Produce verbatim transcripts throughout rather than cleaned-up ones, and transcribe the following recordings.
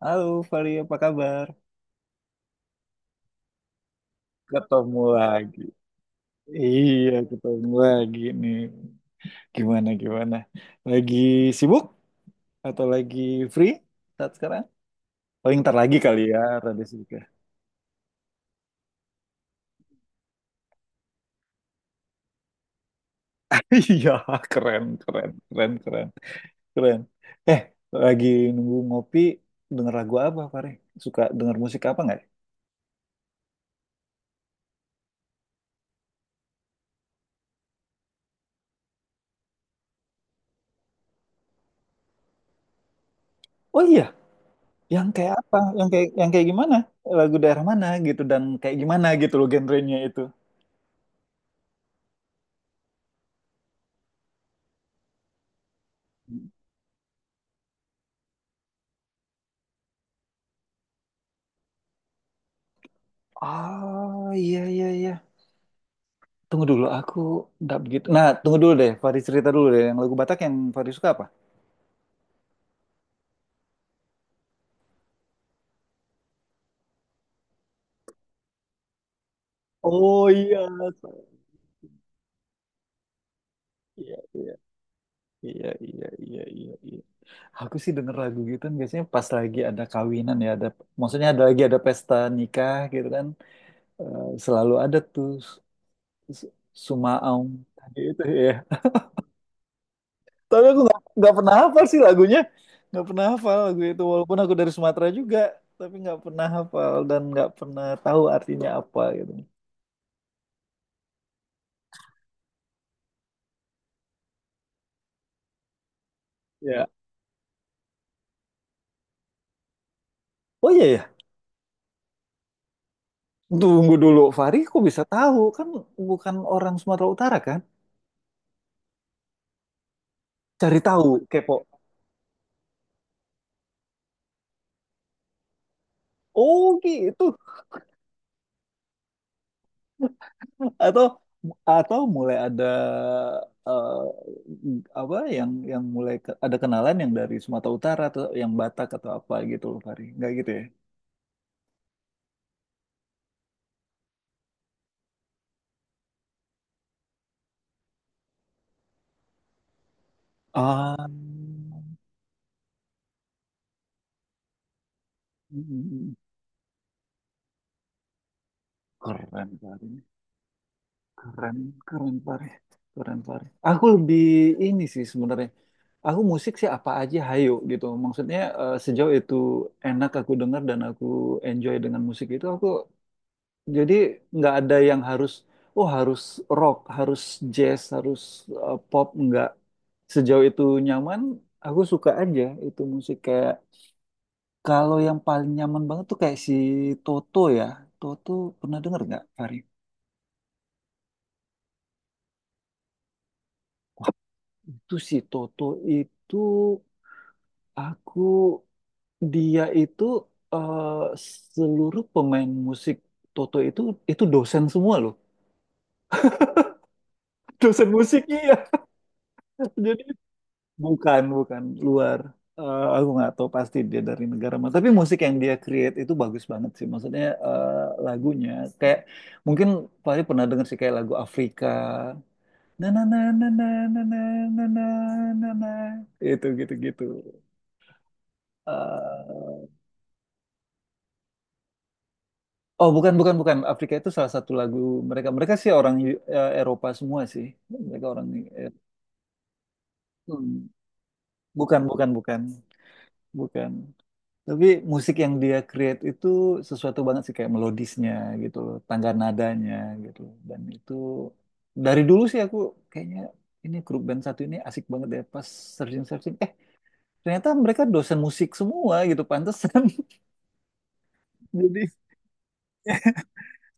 Halo Fali, apa kabar? Ketemu lagi. Iya, ketemu lagi nih. Gimana, gimana? Lagi sibuk atau lagi free? Saat sekarang? Paling ntar lagi kali ya, rada sibuk. Iya, keren, keren, keren, keren, keren. Eh, lagi nunggu ngopi, denger lagu apa, Fare? Suka denger musik apa nggak? Oh iya, yang kayak apa? Yang kayak yang kayak gimana? Lagu daerah mana gitu dan kayak gimana gitu loh genrenya itu. Ah, iya, iya, iya. Tunggu dulu, aku nggak begitu. Nah, tunggu dulu deh. Faris cerita dulu deh. Yang lagu Batak yang Faris suka apa? Oh iya, iya, iya, iya, iya, iya, iya. iya. Aku sih denger lagu gitu kan biasanya pas lagi ada kawinan ya. Ada, maksudnya ada lagi ada pesta nikah gitu kan. Eh, selalu ada tuh s- s- Sumaung tadi itu ya. Tapi aku nggak nggak pernah hafal sih lagunya. Nggak pernah hafal lagu itu. Walaupun aku dari Sumatera juga. Tapi nggak pernah hafal dan nggak pernah tahu artinya apa gitu. Ya, oh iya ya. Tunggu dulu, Fahri kok bisa tahu? Kan bukan orang Sumatera Utara kan? Cari tahu, kepo. Oh gitu. Atau atau mulai ada eh, apa yang yang mulai ke- ada kenalan yang dari Sumatera Utara atau yang Batak atau apa gitu loh, Fahri. Nggak gitu ya? Ah, mm, mm, mm. Keren, Fahri. Keren, keren Pare. Keren Pare. Aku lebih ini sih sebenarnya. Aku musik sih apa aja hayo gitu. Maksudnya eh, sejauh itu enak aku dengar dan aku enjoy dengan musik itu, aku jadi nggak ada yang harus oh, harus rock, harus jazz, harus eh, pop, nggak. Sejauh itu nyaman, aku suka aja itu musik. Kayak kalau yang paling nyaman banget tuh kayak si Toto ya. Toto, pernah denger nggak, Fari? Itu si Toto itu Aku dia itu eh, seluruh pemain musik Toto itu itu dosen semua loh. Dosen musik iya. Jadi bukan bukan luar. Eh, aku nggak tahu pasti dia dari negara mana. Tapi musik yang dia create itu bagus banget sih. Maksudnya eh, lagunya kayak mungkin paling pernah denger sih kayak lagu Afrika. Na na na na na na na na na na na. Itu gitu gitu. Oh, bukan, bukan, bukan. Afrika itu salah satu lagu mereka. Mereka sih orang Eu- eh, Eropa semua sih. Mereka orang eh, hmm, bukan, bukan, bukan, bukan. Tapi musik yang dia create itu sesuatu banget sih, kayak melodisnya gitu loh, tangga nadanya gitu. Dan itu dari dulu sih aku kayaknya ini grup band satu ini asik banget deh. Pas searching searching, Eh, ternyata mereka dosen musik semua gitu, pantesan. Jadi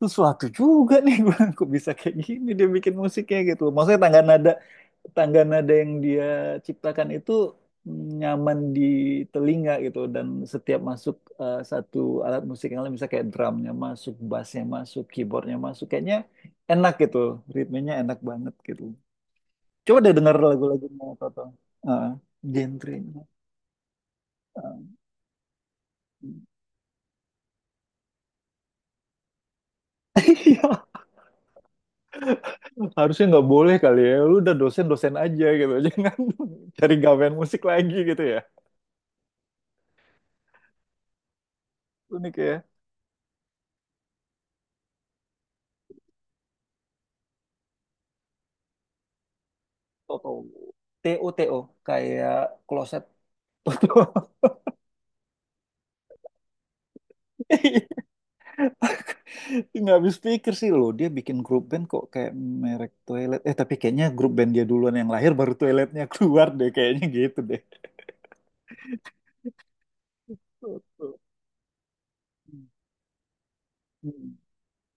sesuatu juga nih. Gue kok bisa kayak gini, dia bikin musiknya gitu. Maksudnya tangga nada tangga nada yang dia ciptakan itu nyaman di telinga gitu, dan setiap masuk eh, satu alat musik yang lain misalnya kayak drumnya masuk, bassnya masuk, keyboardnya masuk, kayaknya enak gitu, ritmenya enak banget gitu. Coba deh denger lagu-lagunya Toto. Ah, genre. Ah. Harusnya nggak boleh kali ya. Lu udah dosen-dosen aja gitu. Jangan cari gawean musik lagi gitu ya. Unik ya. Toto. T T O T O, kayak kloset. toto Nggak habis pikir sih lo. Dia bikin grup band kok kayak merek toilet. Eh, tapi kayaknya grup band dia duluan yang lahir, baru toiletnya keluar deh. Kayaknya gitu deh. Toto.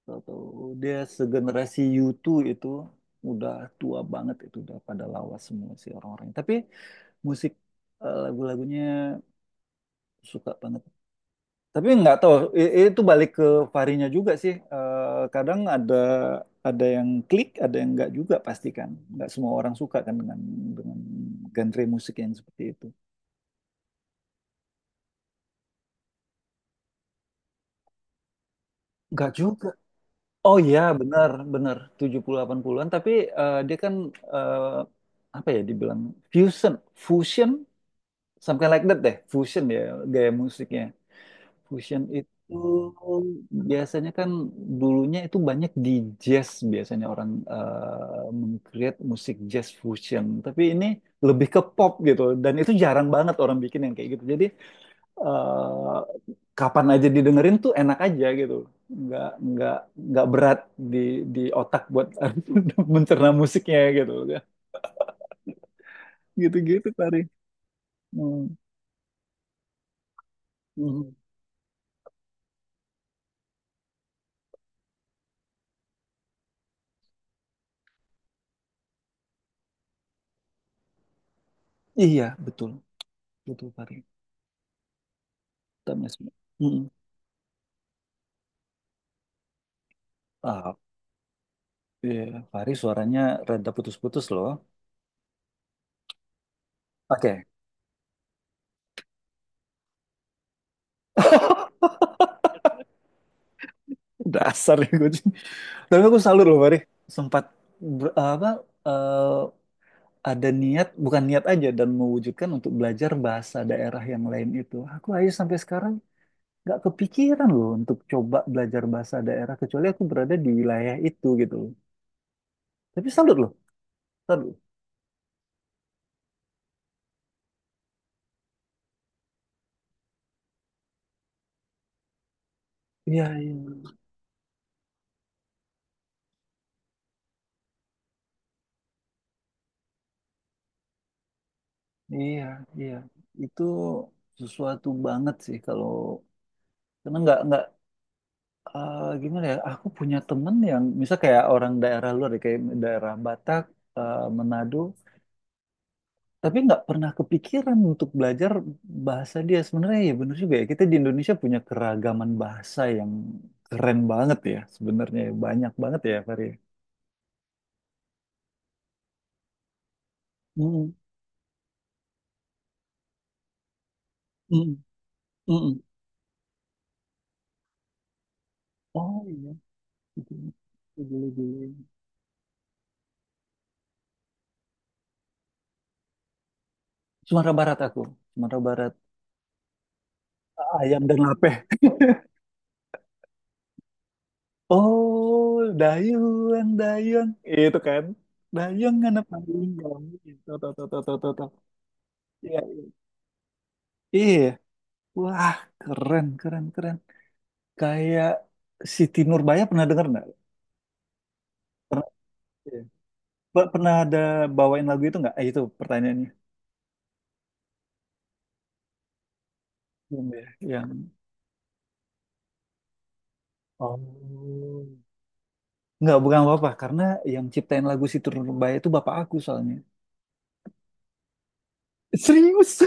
Tahu-tahu dia segenerasi u dua. Itu udah tua banget, itu udah pada lawas semua sih orang-orang. Tapi musik eh, lagu-lagunya suka banget. Tapi nggak tahu, i- itu balik ke varinya juga sih. Eh, kadang ada ada yang klik, ada yang nggak juga pasti kan. Nggak semua orang suka kan dengan dengan genre musik yang seperti itu. Nggak juga. Oh iya, benar, benar. tujuh puluhan delapan puluhan-an, tapi eh, dia kan eh, apa ya dibilang, fusion, fusion. Something like that deh, fusion ya gaya musiknya. Fusion itu biasanya kan dulunya itu banyak di jazz, biasanya orang eh, meng-create musik jazz fusion. Tapi ini lebih ke pop gitu, dan itu jarang banget orang bikin yang kayak gitu. Jadi eh, kapan aja didengerin tuh enak aja gitu. Nggak nggak nggak berat di di otak buat mencerna musiknya gitu. Gitu-gitu Pari. Hmm. Mhm. Iya, betul. Betul, Pari. Tamis. Mm. Ah, iya. Fahri suaranya rada putus-putus loh. Oke. Dasar nih kucing. Tapi aku salut loh Fahri. Sempat ber- apa eh, ada niat, bukan niat aja dan mewujudkan untuk belajar bahasa daerah yang lain itu. Aku aja sampai sekarang nggak kepikiran loh untuk coba belajar bahasa daerah, kecuali aku berada di wilayah itu gitu loh. Tapi salut loh, salut. Iya, iya, iya, iya. Itu sesuatu banget sih, kalau karena nggak nggak eh, gimana ya? Aku punya temen yang misal kayak orang daerah luar deh, kayak daerah Batak, eh, Manado, tapi nggak pernah kepikiran untuk belajar bahasa dia. Sebenarnya ya bener juga ya. Kita di Indonesia punya keragaman bahasa yang keren banget ya. Sebenarnya ya. Banyak banget ya, Fari. Mm-mm, mm-mm, mm-mm. Oh iya, gitu. Boleh, boleh. Sumatera Barat aku, Sumatera Barat, ayam dan lape. Oh, Dayung, Dayung. Itu kan. Dayung anak paling kamu. Tuh, tuh, tuh, tuh, tuh, tuh, tuh. Iya. Iya. Wah, keren, keren, keren. Kayak Siti Nurbaya, pernah denger nggak? Iya. Ba- Pernah ada bawain lagu itu nggak? Eh, itu pertanyaannya. Belum ya? Yang, oh. Nggak, bukan apa-apa. Karena yang ciptain lagu Siti Nurbaya itu bapak aku soalnya. Serius?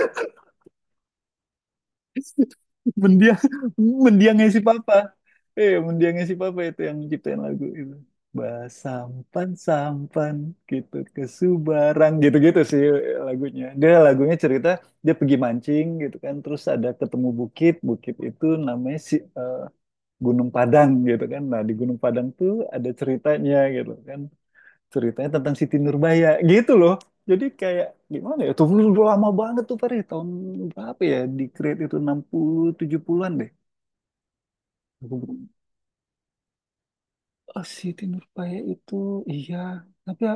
Mendiang, mendiangnya si Papa. Eh, mendiangnya si Papa itu yang ciptain lagu itu. Basampan, sampan sampan gitu ke Subarang, gitu-gitu sih lagunya. Dia lagunya cerita dia pergi mancing gitu kan, terus ada ketemu bukit, bukit itu namanya si eh, Gunung Padang gitu kan. Nah, di Gunung Padang tuh ada ceritanya gitu kan, ceritanya tentang Siti Nurbaya gitu loh. Jadi kayak gimana ya, tuh dulu lama banget tuh Fahri, tahun berapa ya di create itu, enam puluh tujuh puluhan-an deh. Oh, Siti Nurbaya itu iya, tapi ya,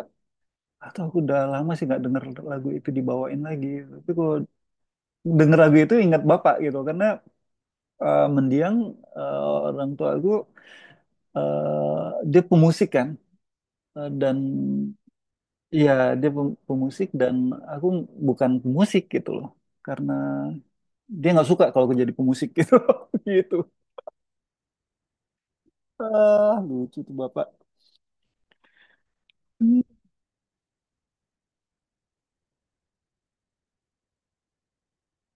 atau aku udah lama sih nggak denger lagu itu dibawain lagi. Tapi kalau denger lagu itu ingat bapak gitu, karena eh, mendiang eh, orang tua aku eh, dia pemusik kan. Eh, dan iya, dia pem- pemusik, dan aku bukan pemusik gitu loh. Karena dia nggak suka kalau gue jadi pemusik gitu. Gitu. Ah, lucu tuh bapak. Hmm,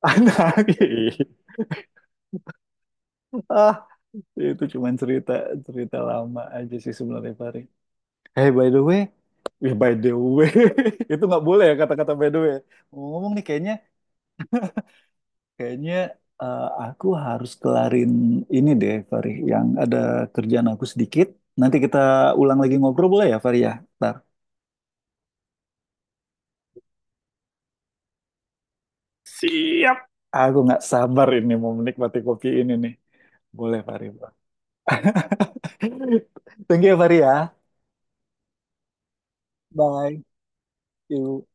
anak. Ah, itu cuman cerita cerita lama aja sih sebenarnya Farid. Hey, by the way ya, by the way. Itu nggak boleh ya, kata-kata by the way ngomong nih. Kayaknya kayaknya eh, aku harus kelarin ini deh Farid. Yang ada kerjaan aku sedikit, nanti kita ulang lagi ngobrol boleh ya Farid ya. Ntar. Siap. Aku nggak sabar ini mau menikmati kopi ini nih. Boleh, Farid. Thank you, Fahri ya. Bye. See you.